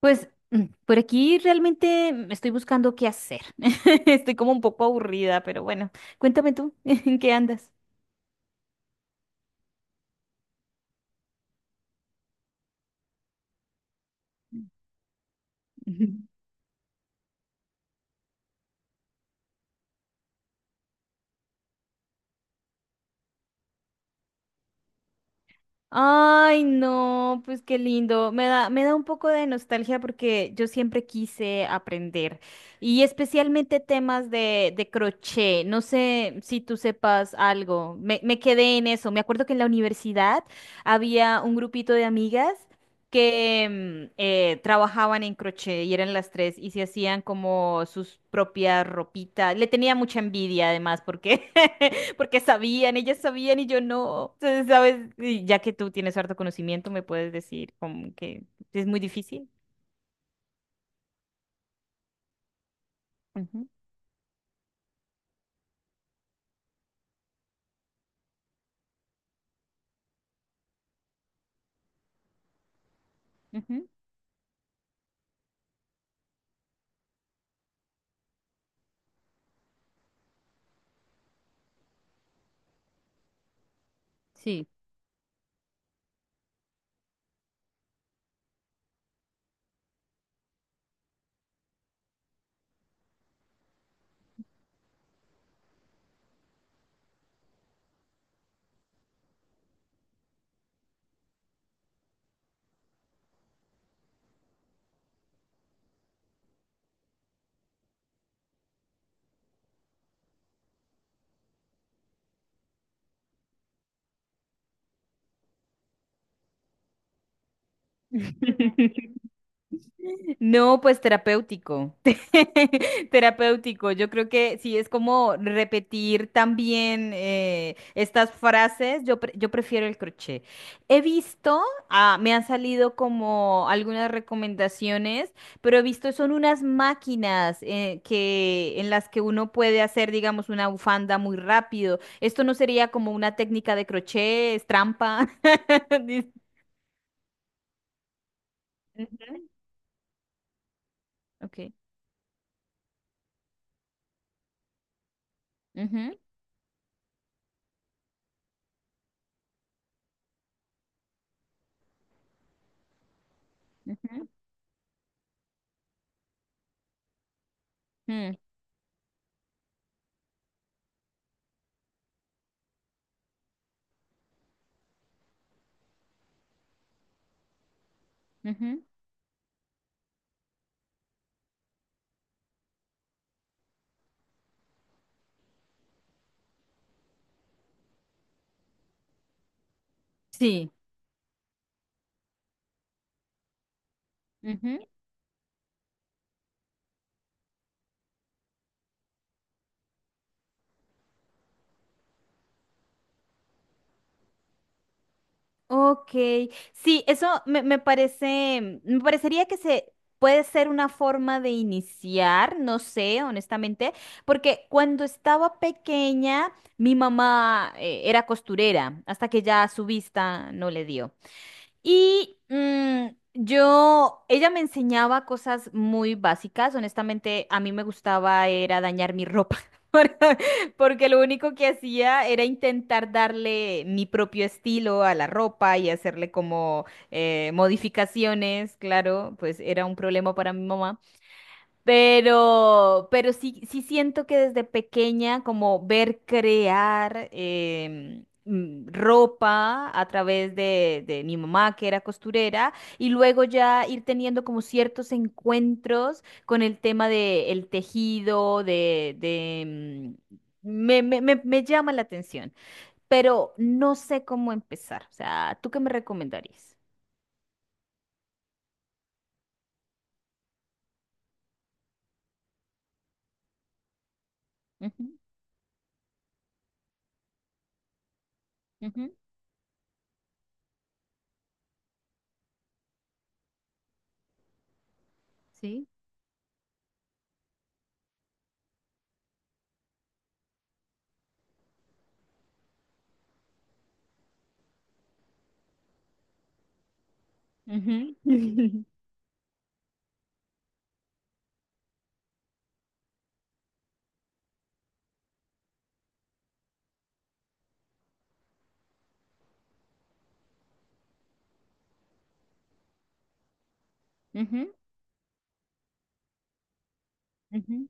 Pues por aquí realmente estoy buscando qué hacer. Estoy como un poco aburrida, pero bueno, cuéntame tú, ¿en qué andas? Ay, no, pues qué lindo. Me da un poco de nostalgia porque yo siempre quise aprender y especialmente temas de crochet. No sé si tú sepas algo. Me quedé en eso. Me acuerdo que en la universidad había un grupito de amigas que trabajaban en crochet y eran las tres y se hacían como sus propias ropitas. Le tenía mucha envidia además porque porque sabían, ellas sabían y yo no. Entonces, ¿sabes? Y ya que tú tienes harto conocimiento, me puedes decir como que es muy difícil. Ujú, ujú. Sí. No, pues terapéutico, terapéutico. Yo creo que sí, es como repetir también estas frases. Yo prefiero el crochet. He visto, ah, me han salido como algunas recomendaciones, pero he visto son unas máquinas que en las que uno puede hacer, digamos, una bufanda muy rápido. Esto no sería como una técnica de crochet, es trampa. Dice- ujú. Ok. Ujú, ujú, mm, ujú. Sí. Ujú. Ok, sí, me parece, me parecería que se puede ser una forma de iniciar, no sé, honestamente, porque cuando estaba pequeña, mi mamá era costurera, hasta que ya su vista no le dio. Y yo, ella me enseñaba cosas muy básicas. Honestamente, a mí me gustaba era dañar mi ropa. Porque porque lo único que hacía era intentar darle mi propio estilo a la ropa y hacerle como modificaciones, claro, pues era un problema para mi mamá. Pero sí, sí siento que desde pequeña, como ver crear ropa a través de mi mamá, que era costurera, y luego ya ir teniendo como ciertos encuentros con el tema de el tejido, de, mm, me, me, me me llama la atención, pero no sé cómo empezar. O sea, ¿tú qué me recomendarías? Ujú, ujú. Sí. Ujú, ujú, ujú, ujú.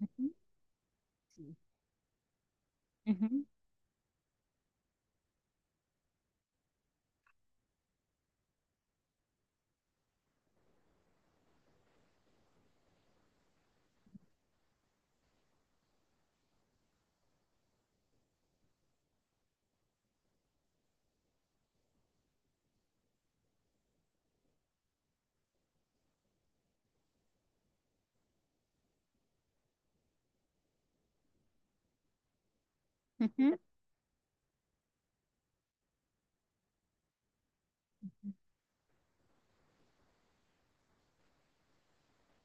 Ujú. Sí. Ujú, ujú.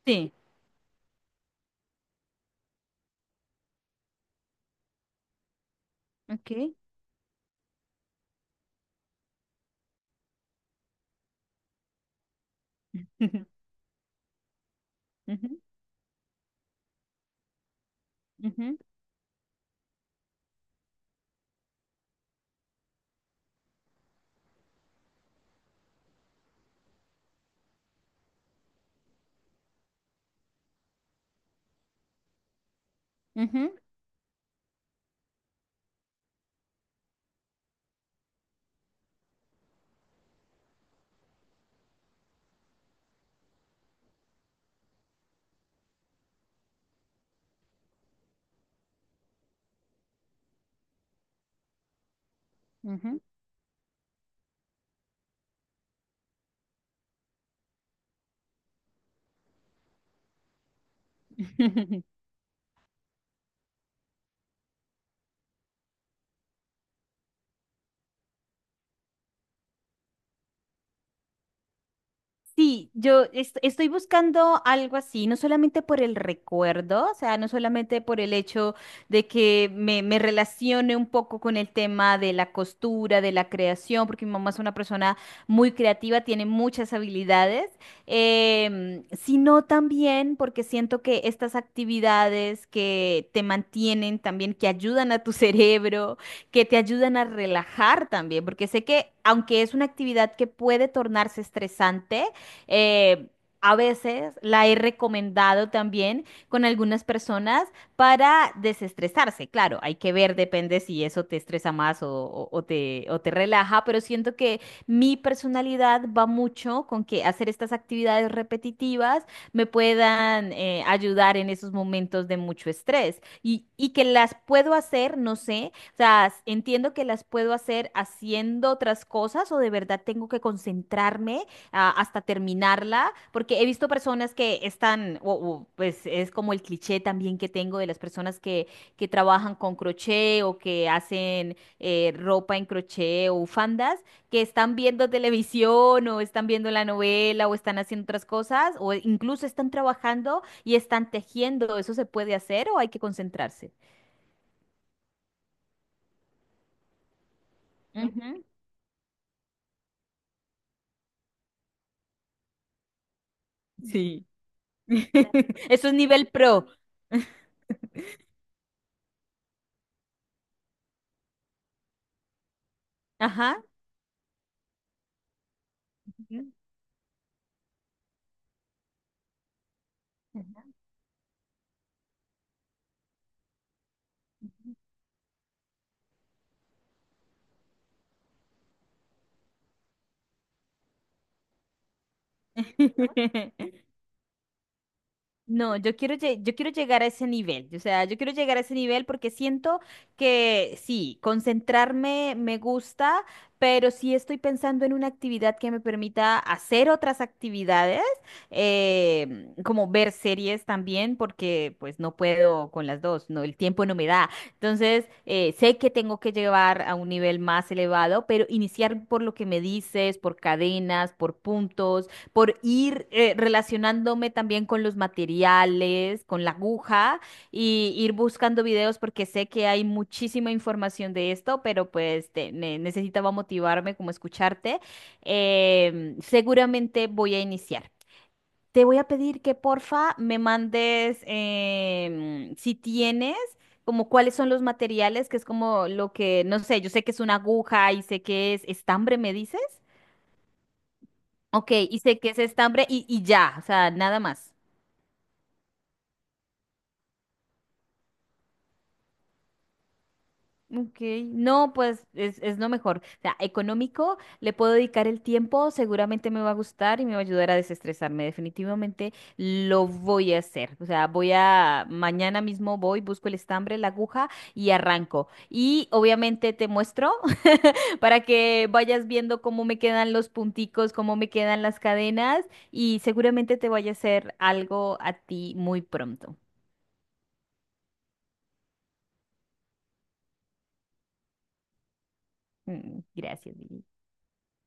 Sí, ok. Ujú, ujú, ujú, ujú. Sí, estoy buscando algo así, no solamente por el recuerdo, o sea, no solamente por el hecho de que me relacione un poco con el tema de la costura, de la creación, porque mi mamá es una persona muy creativa, tiene muchas habilidades, em, sino también porque siento que estas actividades que te mantienen también, que ayudan a tu cerebro, que te ayudan a relajar también, porque sé que aunque es una actividad que puede tornarse estresante, eh, a veces la he recomendado también con algunas personas para desestresarse. Claro, hay que ver, depende si eso te estresa más o te relaja, pero siento que mi personalidad va mucho con que hacer estas actividades repetitivas me puedan ayudar en esos momentos de mucho estrés y que las puedo hacer, no sé, o sea, entiendo que las puedo hacer haciendo otras cosas o de verdad tengo que concentrarme hasta terminarla, porque he visto personas que están, pues es como el cliché también que tengo de las personas que trabajan con crochet o que hacen ropa en crochet o bufandas, que están viendo televisión o están viendo la novela o están haciendo otras cosas o incluso están trabajando y están tejiendo. ¿Eso se puede hacer o hay que concentrarse? Ujú. Sí. Eso es nivel pro. Ajá. Ujú. No, yo quiero, yo quiero llegar a ese nivel, o sea, yo quiero llegar a ese nivel porque siento que sí, concentrarme me gusta, pero sí estoy pensando en una actividad que me permita hacer otras actividades, como ver series también, porque pues no puedo con las dos, no, el tiempo no me da. Entonces, sé que tengo que llevar a un nivel más elevado, pero iniciar por lo que me dices, por cadenas, por puntos, por ir relacionándome también con los materiales, con la aguja y ir buscando videos porque sé que hay muchísima información de esto, pero pues necesitaba motivarme como escucharte. Em, seguramente voy a iniciar. Te voy a pedir que porfa me mandes em, si tienes como cuáles son los materiales, que es como lo que, no sé, yo sé que es una aguja y sé que es estambre, ¿me dices? Ok, y sé que es estambre y ya, o sea, nada más. Ok, no, pues es lo mejor. O sea, económico, le puedo dedicar el tiempo, seguramente me va a gustar y me va a ayudar a desestresarme. Definitivamente lo voy a hacer. O sea, voy a, mañana mismo voy, busco el estambre, la aguja y arranco. Y obviamente te muestro para que vayas viendo cómo me quedan los punticos, cómo me quedan las cadenas y seguramente te vaya a hacer algo a ti muy pronto. Mm, gracias. Vivi.